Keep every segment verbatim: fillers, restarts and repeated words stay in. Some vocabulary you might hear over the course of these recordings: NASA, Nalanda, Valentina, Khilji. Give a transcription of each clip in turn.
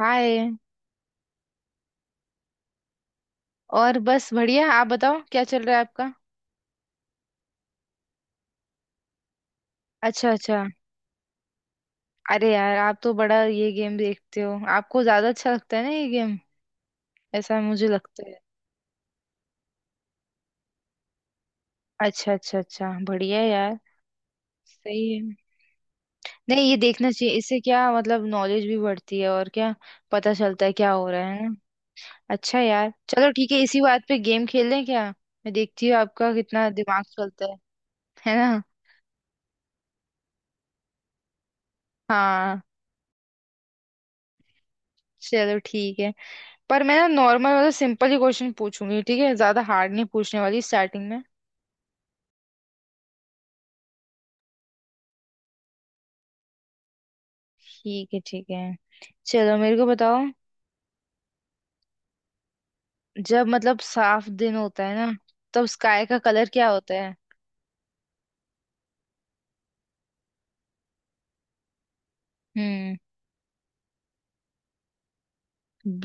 हाय। और बस बढ़िया। आप बताओ क्या चल रहा है आपका। अच्छा अच्छा। अरे यार आप तो बड़ा ये गेम देखते हो। आपको ज्यादा अच्छा लगता है ना ये गेम? ऐसा मुझे लगता है। अच्छा अच्छा अच्छा, बढ़िया है यार। सही है। नहीं, ये देखना चाहिए। इससे क्या, मतलब नॉलेज भी बढ़ती है, और क्या पता चलता है क्या हो रहा है ना। अच्छा यार चलो, ठीक है इसी बात पे गेम खेल लें क्या। मैं देखती हूँ आपका कितना दिमाग चलता है। है ना। हाँ चलो ठीक है। पर मैं ना नॉर्मल वाला सिंपल ही क्वेश्चन पूछूंगी, ठीक है। ज्यादा हार्ड नहीं पूछने वाली स्टार्टिंग में। ठीक है ठीक है। चलो मेरे को बताओ, जब मतलब साफ दिन होता है ना, तब स्काई का कलर क्या होता है? हम्म।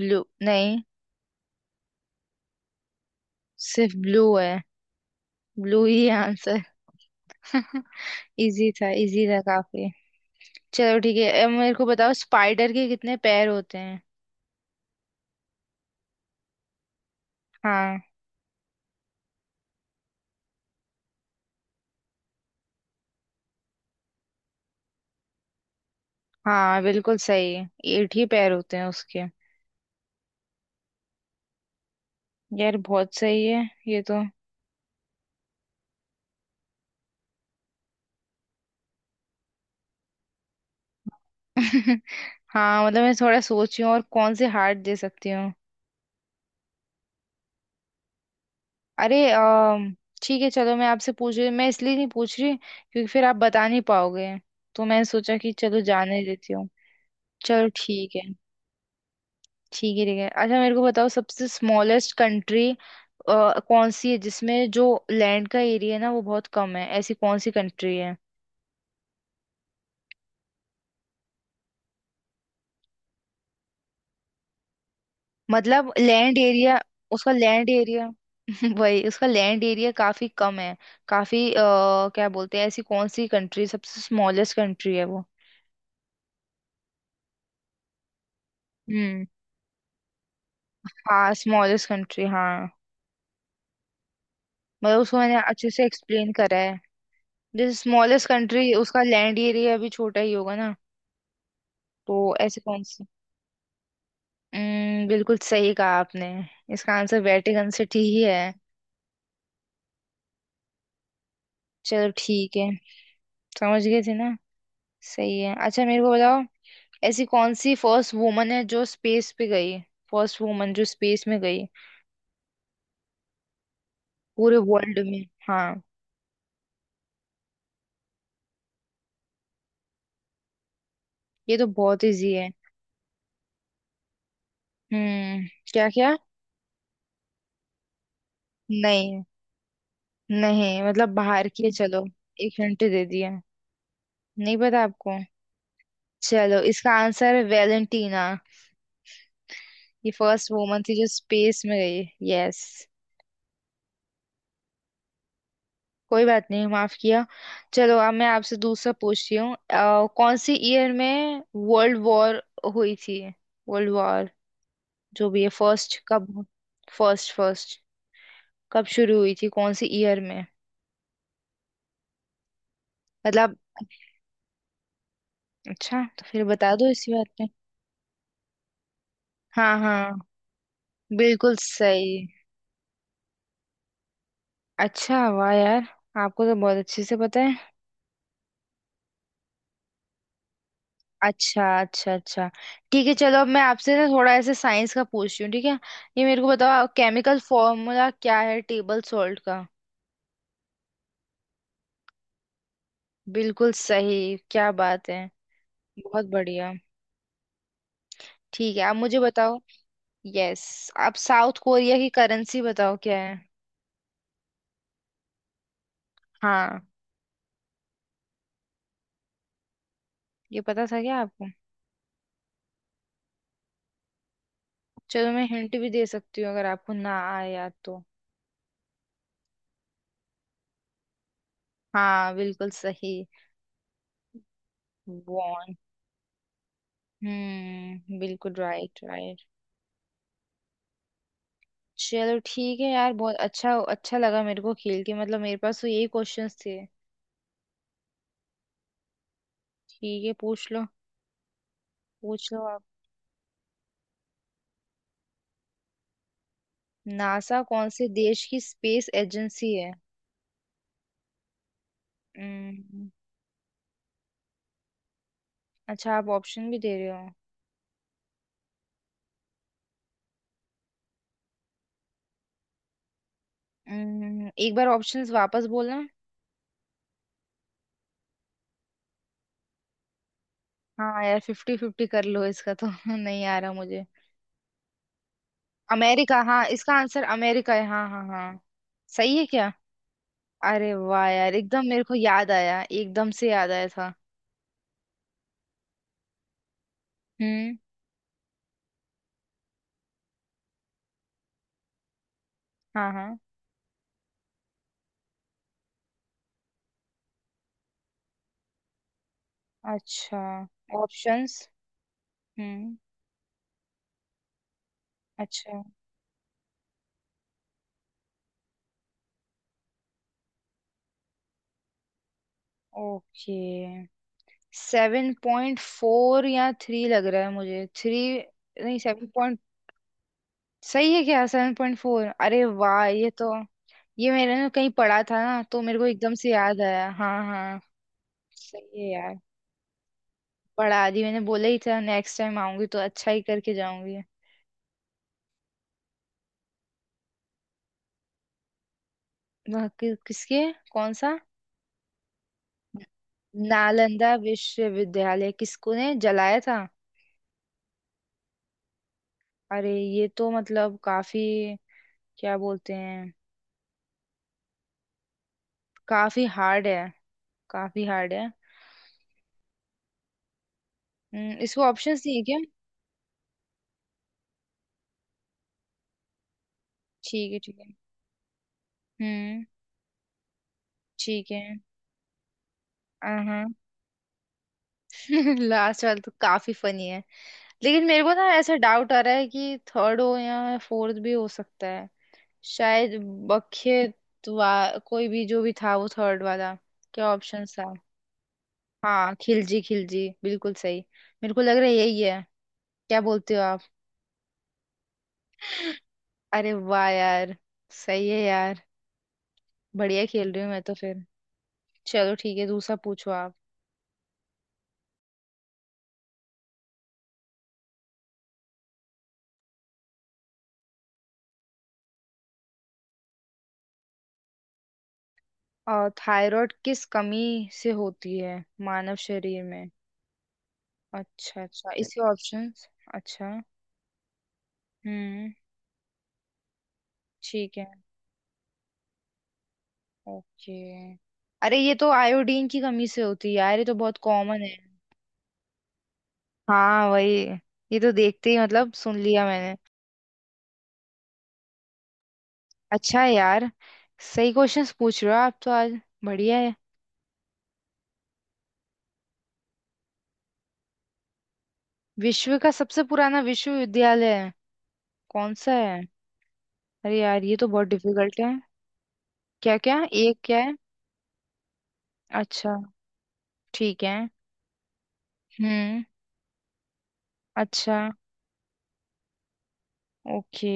ब्लू नहीं, सिर्फ ब्लू है। ब्लू ही आंसर। इजी था, इजी था काफी। चलो ठीक है, अब मेरे को बताओ स्पाइडर के कितने पैर होते हैं? हाँ। हाँ बिल्कुल सही है, एट ही पैर होते हैं उसके। यार बहुत सही है ये तो। हाँ मतलब मैं थोड़ा सोची हूँ और कौन से हार्ट दे सकती हूँ। अरे अम, ठीक है चलो, मैं आपसे पूछ रही। मैं इसलिए नहीं पूछ रही क्योंकि फिर आप बता नहीं पाओगे। तो मैंने सोचा कि चलो जाने देती हूँ। चलो ठीक है। ठीक है ठीक है, अच्छा मेरे को बताओ सबसे स्मॉलेस्ट कंट्री कौन सी है, जिसमें जो लैंड का एरिया है ना वो बहुत कम है, ऐसी कौन सी कंट्री है? मतलब लैंड एरिया। उसका लैंड एरिया वही, उसका लैंड एरिया काफी कम है। काफी अ, क्या बोलते हैं, ऐसी कौन सी कंट्री सबसे स्मॉलेस्ट कंट्री है वो? हम्म। हाँ स्मॉलेस्ट कंट्री हाँ। मतलब उसको मैंने अच्छे से एक्सप्लेन करा है। जैसे स्मॉलेस्ट कंट्री, उसका लैंड एरिया भी छोटा ही होगा ना। तो ऐसे कौन सी। हम्म, बिल्कुल सही कहा आपने। इसका आंसर वेटिकन सिटी ही है। चलो ठीक है। समझ गए थे ना। सही है। अच्छा मेरे को बताओ ऐसी कौन सी फर्स्ट वुमन है जो स्पेस पे गई। फर्स्ट वुमन जो स्पेस में गई। पूरे वर्ल्ड में हाँ। ये तो बहुत इजी है। हम्म। क्या क्या। नहीं। नहीं मतलब बाहर की है चलो। एक घंटे दे दिया। नहीं पता आपको। चलो, इसका आंसर है वेलेंटीना। ये फर्स्ट वुमन थी जो स्पेस में गई। यस। कोई बात नहीं, माफ किया। चलो, अब मैं आपसे दूसरा पूछती हूँ। अ, कौन सी ईयर में वर्ल्ड वॉर हुई थी? वर्ल्ड वॉर, जो भी है, फर्स्ट कब। फर्स्ट फर्स्ट, कब शुरू हुई थी कौन सी ईयर में? मतलब। अच्छा तो फिर बता दो इसी बात पे। हाँ हाँ बिल्कुल सही। अच्छा वाह यार, आपको तो बहुत अच्छे से पता है। अच्छा अच्छा अच्छा। ठीक है चलो, अब मैं आपसे ना थोड़ा ऐसे साइंस का पूछती हूँ, ठीक है। ये मेरे को बताओ, केमिकल फॉर्मूला क्या है टेबल सॉल्ट का? बिल्कुल सही, क्या बात है। बहुत बढ़िया। ठीक है, आप मुझे बताओ। यस। आप साउथ कोरिया की करेंसी बताओ क्या है? हाँ। ये पता था क्या आपको? चलो मैं हिंट भी दे सकती हूँ अगर आपको ना आया तो। हाँ बिल्कुल सही। वॉन। हम्म बिल्कुल राइट राइट। चलो ठीक है यार, बहुत अच्छा अच्छा लगा मेरे को खेल के। मतलब मेरे पास तो यही क्वेश्चंस थे। ठीक है पूछ लो। पूछ लो आप। नासा कौन से देश की स्पेस एजेंसी है? हम्म। अच्छा आप ऑप्शन भी दे रहे हो। हम्म, एक बार ऑप्शंस वापस बोलना। हाँ यार फिफ्टी फिफ्टी कर लो, इसका तो नहीं आ रहा मुझे। अमेरिका। हाँ इसका आंसर अमेरिका है, हाँ हाँ हाँ। सही है क्या। अरे वाह यार, एकदम मेरे को याद आया, एकदम से याद आया था। हम्म। हाँ हाँ। अच्छा। ऑप्शंस। हम्म। अच्छा। ओके। सेवन पॉइंट फोर या थ्री लग रहा है मुझे, थ्री। नहीं सेवन पॉइंट। सही है क्या? सेवन पॉइंट फोर, अरे वाह ये तो। ये मैंने ना कहीं पढ़ा था ना, तो मेरे को एकदम से याद आया, हाँ हाँ। सही है यार। बढ़ा दी, मैंने बोला ही था नेक्स्ट टाइम आऊंगी तो अच्छा ही करके जाऊंगी। वह कि, किसके। कौन सा। नालंदा विश्वविद्यालय किसको ने जलाया था? अरे ये तो मतलब काफी, क्या बोलते हैं, काफी हार्ड है। काफी हार्ड है। हम्म, इसको ऑप्शंस नहीं है क्या? ठीक है ठीक है। हम्म। ठीक है। हाँ। लास्ट वाला तो काफी फनी है। लेकिन मेरे को ना ऐसा डाउट आ रहा है कि थर्ड हो या फोर्थ भी हो सकता है, शायद। बख्ये वा कोई भी जो भी था, वो थर्ड वाला। क्या ऑप्शन था? हाँ खिलजी खिलजी बिल्कुल सही। मेरे को लग रहा है यही है। क्या बोलते हो आप? अरे वाह यार, सही है यार। बढ़िया खेल रही हूँ मैं तो फिर। चलो ठीक है, दूसरा पूछो आप। और थायराइड किस कमी से होती है मानव शरीर में? अच्छा अच्छा, इसके ऑप्शंस। अच्छा। हम्म। ठीक है। ओके। अरे ये तो आयोडीन की कमी से होती है यार, ये तो बहुत कॉमन है। हाँ वही। ये तो देखते ही मतलब सुन लिया मैंने। अच्छा है यार। सही क्वेश्चंस पूछ रहे हो आप तो आज। बढ़िया है। विश्व का सबसे पुराना विश्वविद्यालय कौन सा है? अरे यार ये तो बहुत डिफिकल्ट है। क्या क्या, एक क्या है? अच्छा। ठीक है। हम्म। अच्छा। ओके।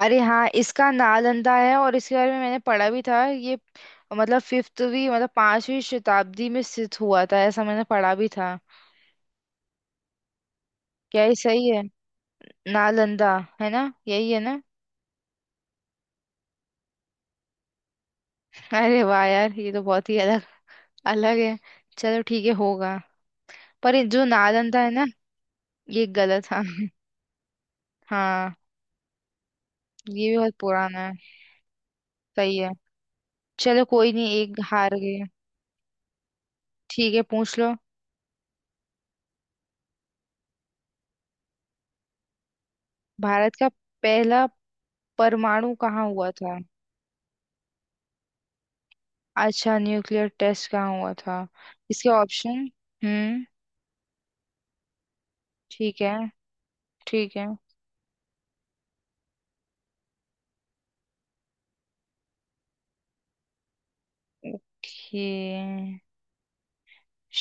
अरे हाँ, इसका नालंदा है, और इसके बारे में मैंने पढ़ा भी था ये। मतलब फिफ्थवी मतलब पांचवी शताब्दी में स्थित हुआ था ऐसा मैंने पढ़ा भी था। क्या ये सही है? नालंदा है ना, यही है ना। अरे वाह यार, ये तो बहुत ही अलग अलग है। चलो ठीक है, होगा। पर ये जो नालंदा है ना, ये गलत था। हाँ, ये भी बहुत पुराना है। सही है। चलो कोई नहीं, एक हार गए। ठीक है पूछ लो। भारत का पहला परमाणु कहाँ हुआ था। अच्छा, न्यूक्लियर टेस्ट कहाँ हुआ था। इसके ऑप्शन। हम्म। ठीक है। ठीक है। ओके।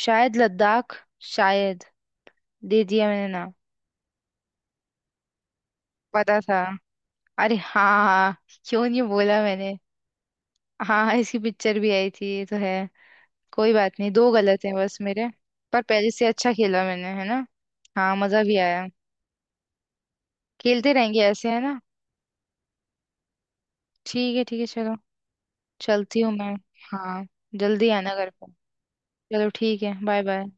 शायद लद्दाख, शायद। दे दिया मैंने ना। पता था। अरे हाँ हाँ, क्यों नहीं बोला मैंने। हाँ हाँ इसकी पिक्चर भी आई थी, ये तो है। कोई बात नहीं, दो गलत हैं बस मेरे। पर पहले से अच्छा खेला मैंने, है ना। हाँ मजा भी आया। खेलते रहेंगे ऐसे, है ना। ठीक है ठीक है चलो। चलती हूँ मैं। हाँ। जल्दी आना घर पर। चलो ठीक है, बाय बाय।